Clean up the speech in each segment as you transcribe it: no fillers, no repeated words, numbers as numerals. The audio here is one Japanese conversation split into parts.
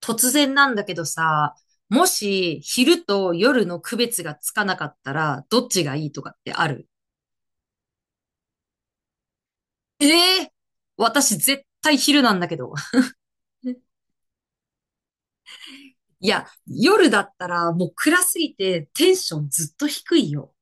突然なんだけどさ、もし昼と夜の区別がつかなかったら、どっちがいいとかってある？ええ、私絶対昼なんだけど。いや、夜だったらもう暗すぎてテンションずっと低いよ。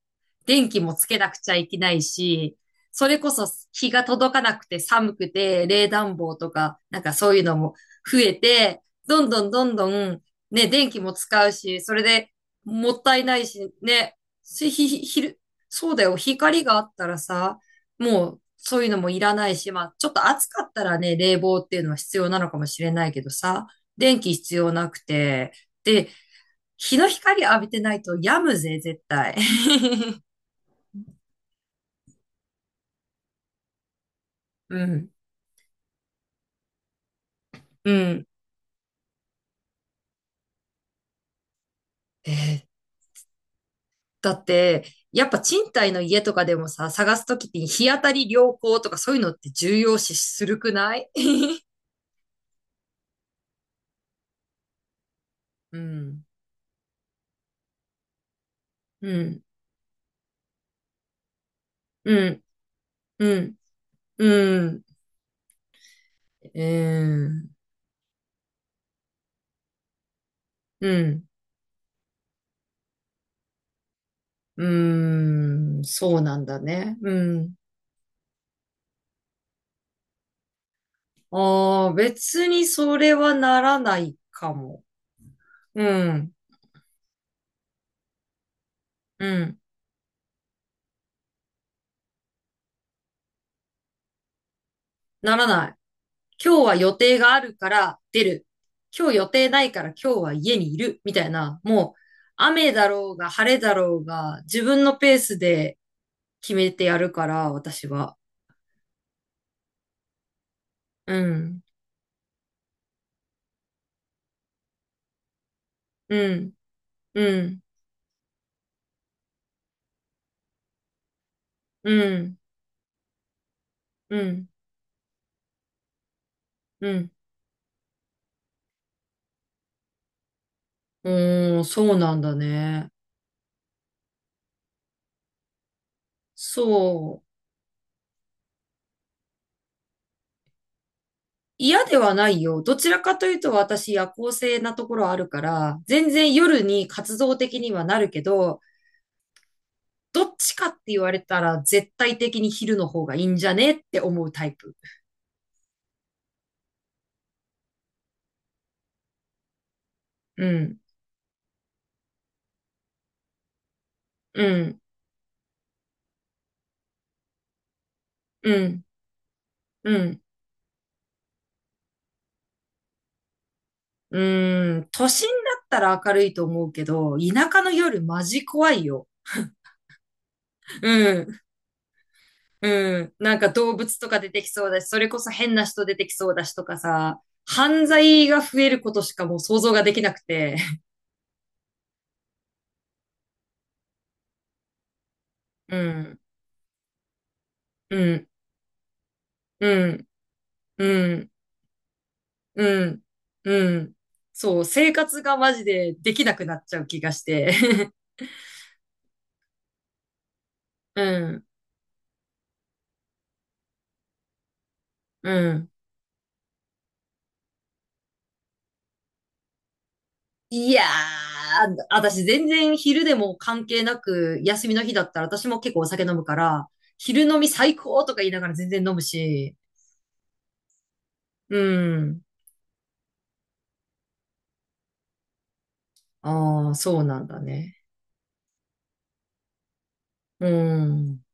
電気もつけなくちゃいけないし、それこそ日が届かなくて寒くて、冷暖房とか、なんかそういうのも増えて、どんどんどんどん、ね、電気も使うし、それでもったいないし、ね、昼、そうだよ、光があったらさ、もうそういうのもいらないし、まあ、ちょっと暑かったらね、冷房っていうのは必要なのかもしれないけどさ、電気必要なくて、で、日の光浴びてないと病むぜ、絶対。うん。うん。えーだって、やっぱ賃貸の家とかでもさ、探すときって日当たり良好とかそういうのって重要視するくない？ うん。うん、うん、うん、うん、うん、うん、うん、そうなんだね。うん。ああ、別にそれはならないかも。うん、うん、ならない。今日は予定があるから出る。今日予定ないから今日は家にいる。みたいな、もう雨だろうが晴れだろうが自分のペースで決めてやるから、私は。うん。うん。うん。うん。うん。うん。うーん、そうなんだね。そう。嫌ではないよ。どちらかというと私夜行性なところあるから、全然夜に活動的にはなるけど、どっちかって言われたら絶対的に昼の方がいいんじゃねって思うタイプ。うん、うん、うん、うん、うん。都心だったら明るいと思うけど、田舎の夜マジ怖いよ。うん、うん。なんか動物とか出てきそうだし、それこそ変な人出てきそうだしとかさ、犯罪が増えることしかもう想像ができなくて。うん、うん、うん、うん、うん、うん。そう、生活がマジでできなくなっちゃう気がして。うん、うん。いやー、私全然昼でも関係なく、休みの日だったら私も結構お酒飲むから、昼飲み最高とか言いながら全然飲むし、うん。ああ、そうなんだね。うん。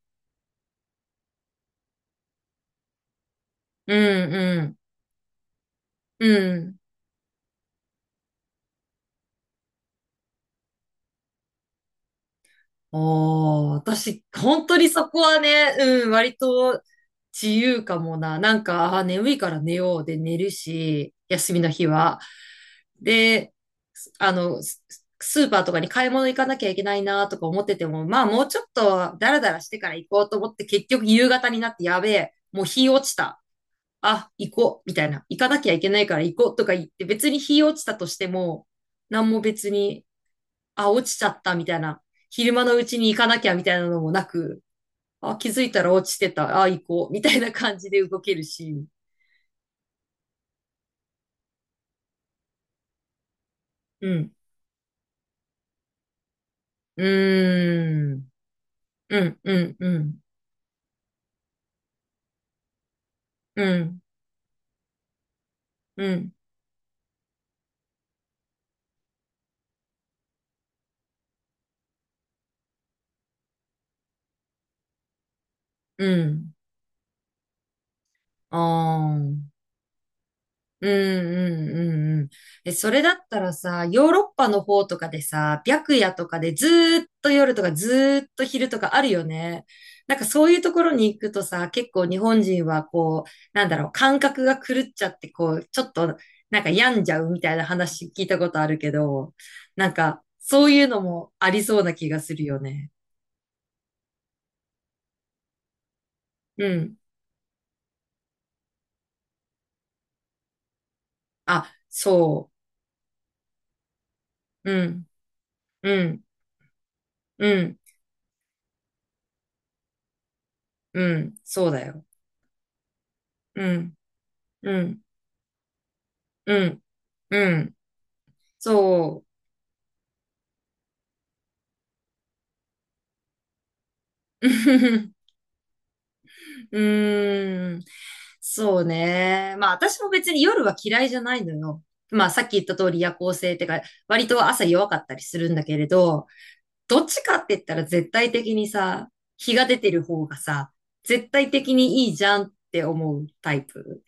うん、うん、うん。おー、私、本当にそこはね、うん、割と自由かもな。なんか、あー、眠いから寝ようで寝るし、休みの日は。で、すあの、ススーパーとかに買い物行かなきゃいけないなとか思ってても、まあもうちょっとダラダラしてから行こうと思って結局夕方になってやべえ、もう日落ちた。あ、行こう、みたいな。行かなきゃいけないから行こうとか言って別に日落ちたとしても、何も別にあ、落ちちゃったみたいな、昼間のうちに行かなきゃみたいなのもなく、あ、気づいたら落ちてた、あ、行こう、みたいな感じで動けるし、うん。うーん。うん、うん、うん、うん、うん、うん。あーうんうんうんうん。え、それだったらさ、ヨーロッパの方とかでさ、白夜とかでずーっと夜とかずーっと昼とかあるよね。なんかそういうところに行くとさ、結構日本人はこう、なんだろう、感覚が狂っちゃってこう、ちょっとなんか病んじゃうみたいな話聞いたことあるけど、なんかそういうのもありそうな気がするよね。うん。あ、そう。うん、うん、うん、うん、そうだよ。うん、うん、うん、うん。そう。うーん。そうね。まあ私も別に夜は嫌いじゃないのよ。まあさっき言った通り夜行性ってか、割と朝弱かったりするんだけれど、どっちかって言ったら絶対的にさ、日が出てる方がさ、絶対的にいいじゃんって思うタイプ。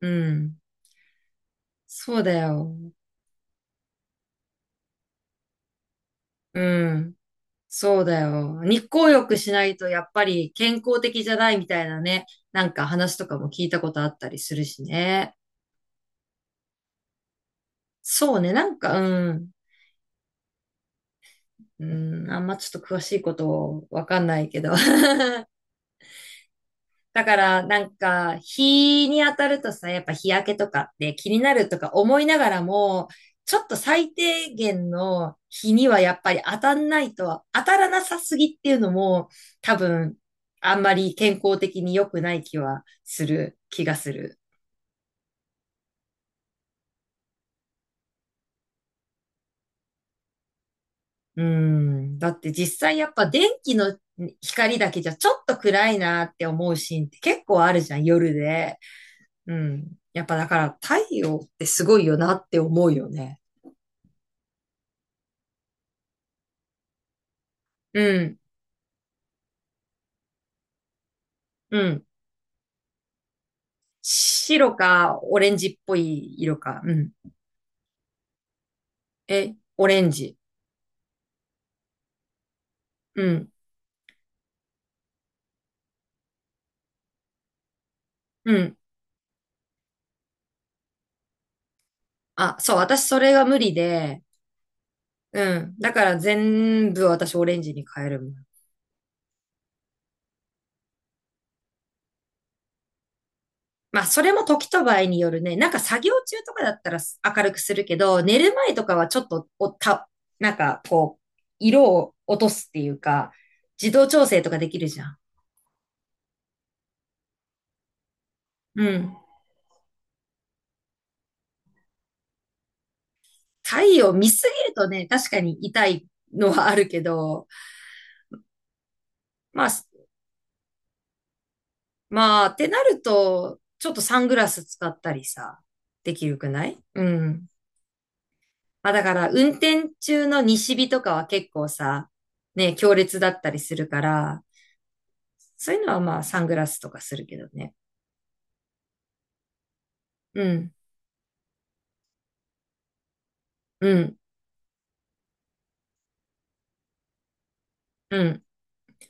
うん。そうだよ。うん。そうだよ。日光浴しないとやっぱり健康的じゃないみたいなね、なんか話とかも聞いたことあったりするしね。そうね、なんか、うん、うん、あんまちょっと詳しいことわかんないけど。だから、なんか、日に当たるとさ、やっぱ日焼けとかって気になるとか思いながらも、ちょっと最低限の日にはやっぱり当たんないと、当たらなさすぎっていうのも、多分、あんまり健康的に良くない気はする、気がする。うん。だって実際やっぱ電気の光だけじゃちょっと暗いなって思うシーンって結構あるじゃん、夜で。うん。やっぱだから太陽ってすごいよなって思うよね。うん。うん。白かオレンジっぽい色か。うん。え、オレンジ。うん。うん。あ、そう、私それが無理で。うん。だから全部私オレンジに変えるもん。まあ、それも時と場合によるね。なんか作業中とかだったら明るくするけど、寝る前とかはちょっとなんかこう、色を落とすっていうか、自動調整とかできるじゃん。うん。太陽見すぎるとね、確かに痛いのはあるけど、まあ、すまあ、ってなると、ちょっとサングラス使ったりさ、できるくない？うん。まあだから、運転中の西日とかは結構さ、ね、強烈だったりするから、そういうのはまあサングラスとかするけどね。うん、うん、うん、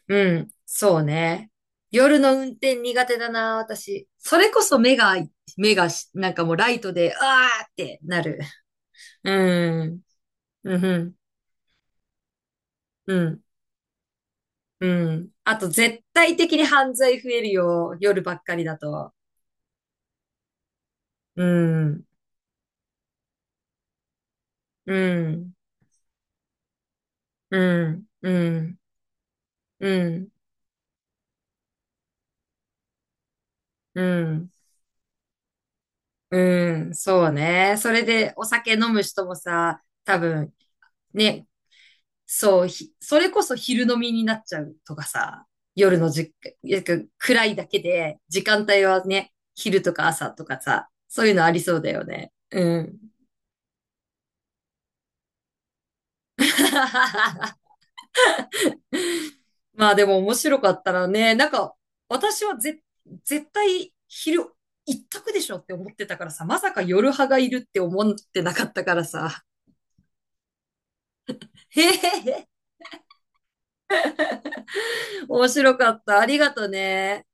うん、そうね。夜の運転苦手だな、私。それこそ目が、目がし、なんかもうライトで、あーってなる。うん、うん、うん、うん。あと絶対的に犯罪増えるよ、夜ばっかりだと。うん、うん、うん、うん、うん、うん、うん、そうね。それでお酒飲む人もさ、多分、ね、それこそ昼飲みになっちゃうとかさ、夜のじ、なんか暗いだけで、時間帯はね、昼とか朝とかさ、そういうのありそうだよね。うん。まあでも面白かったらね、なんか、私はぜ、絶対昼一択でしょって思ってたからさ、まさか夜派がいるって思ってなかったからさ。へへへ、面白かった。ありがとね。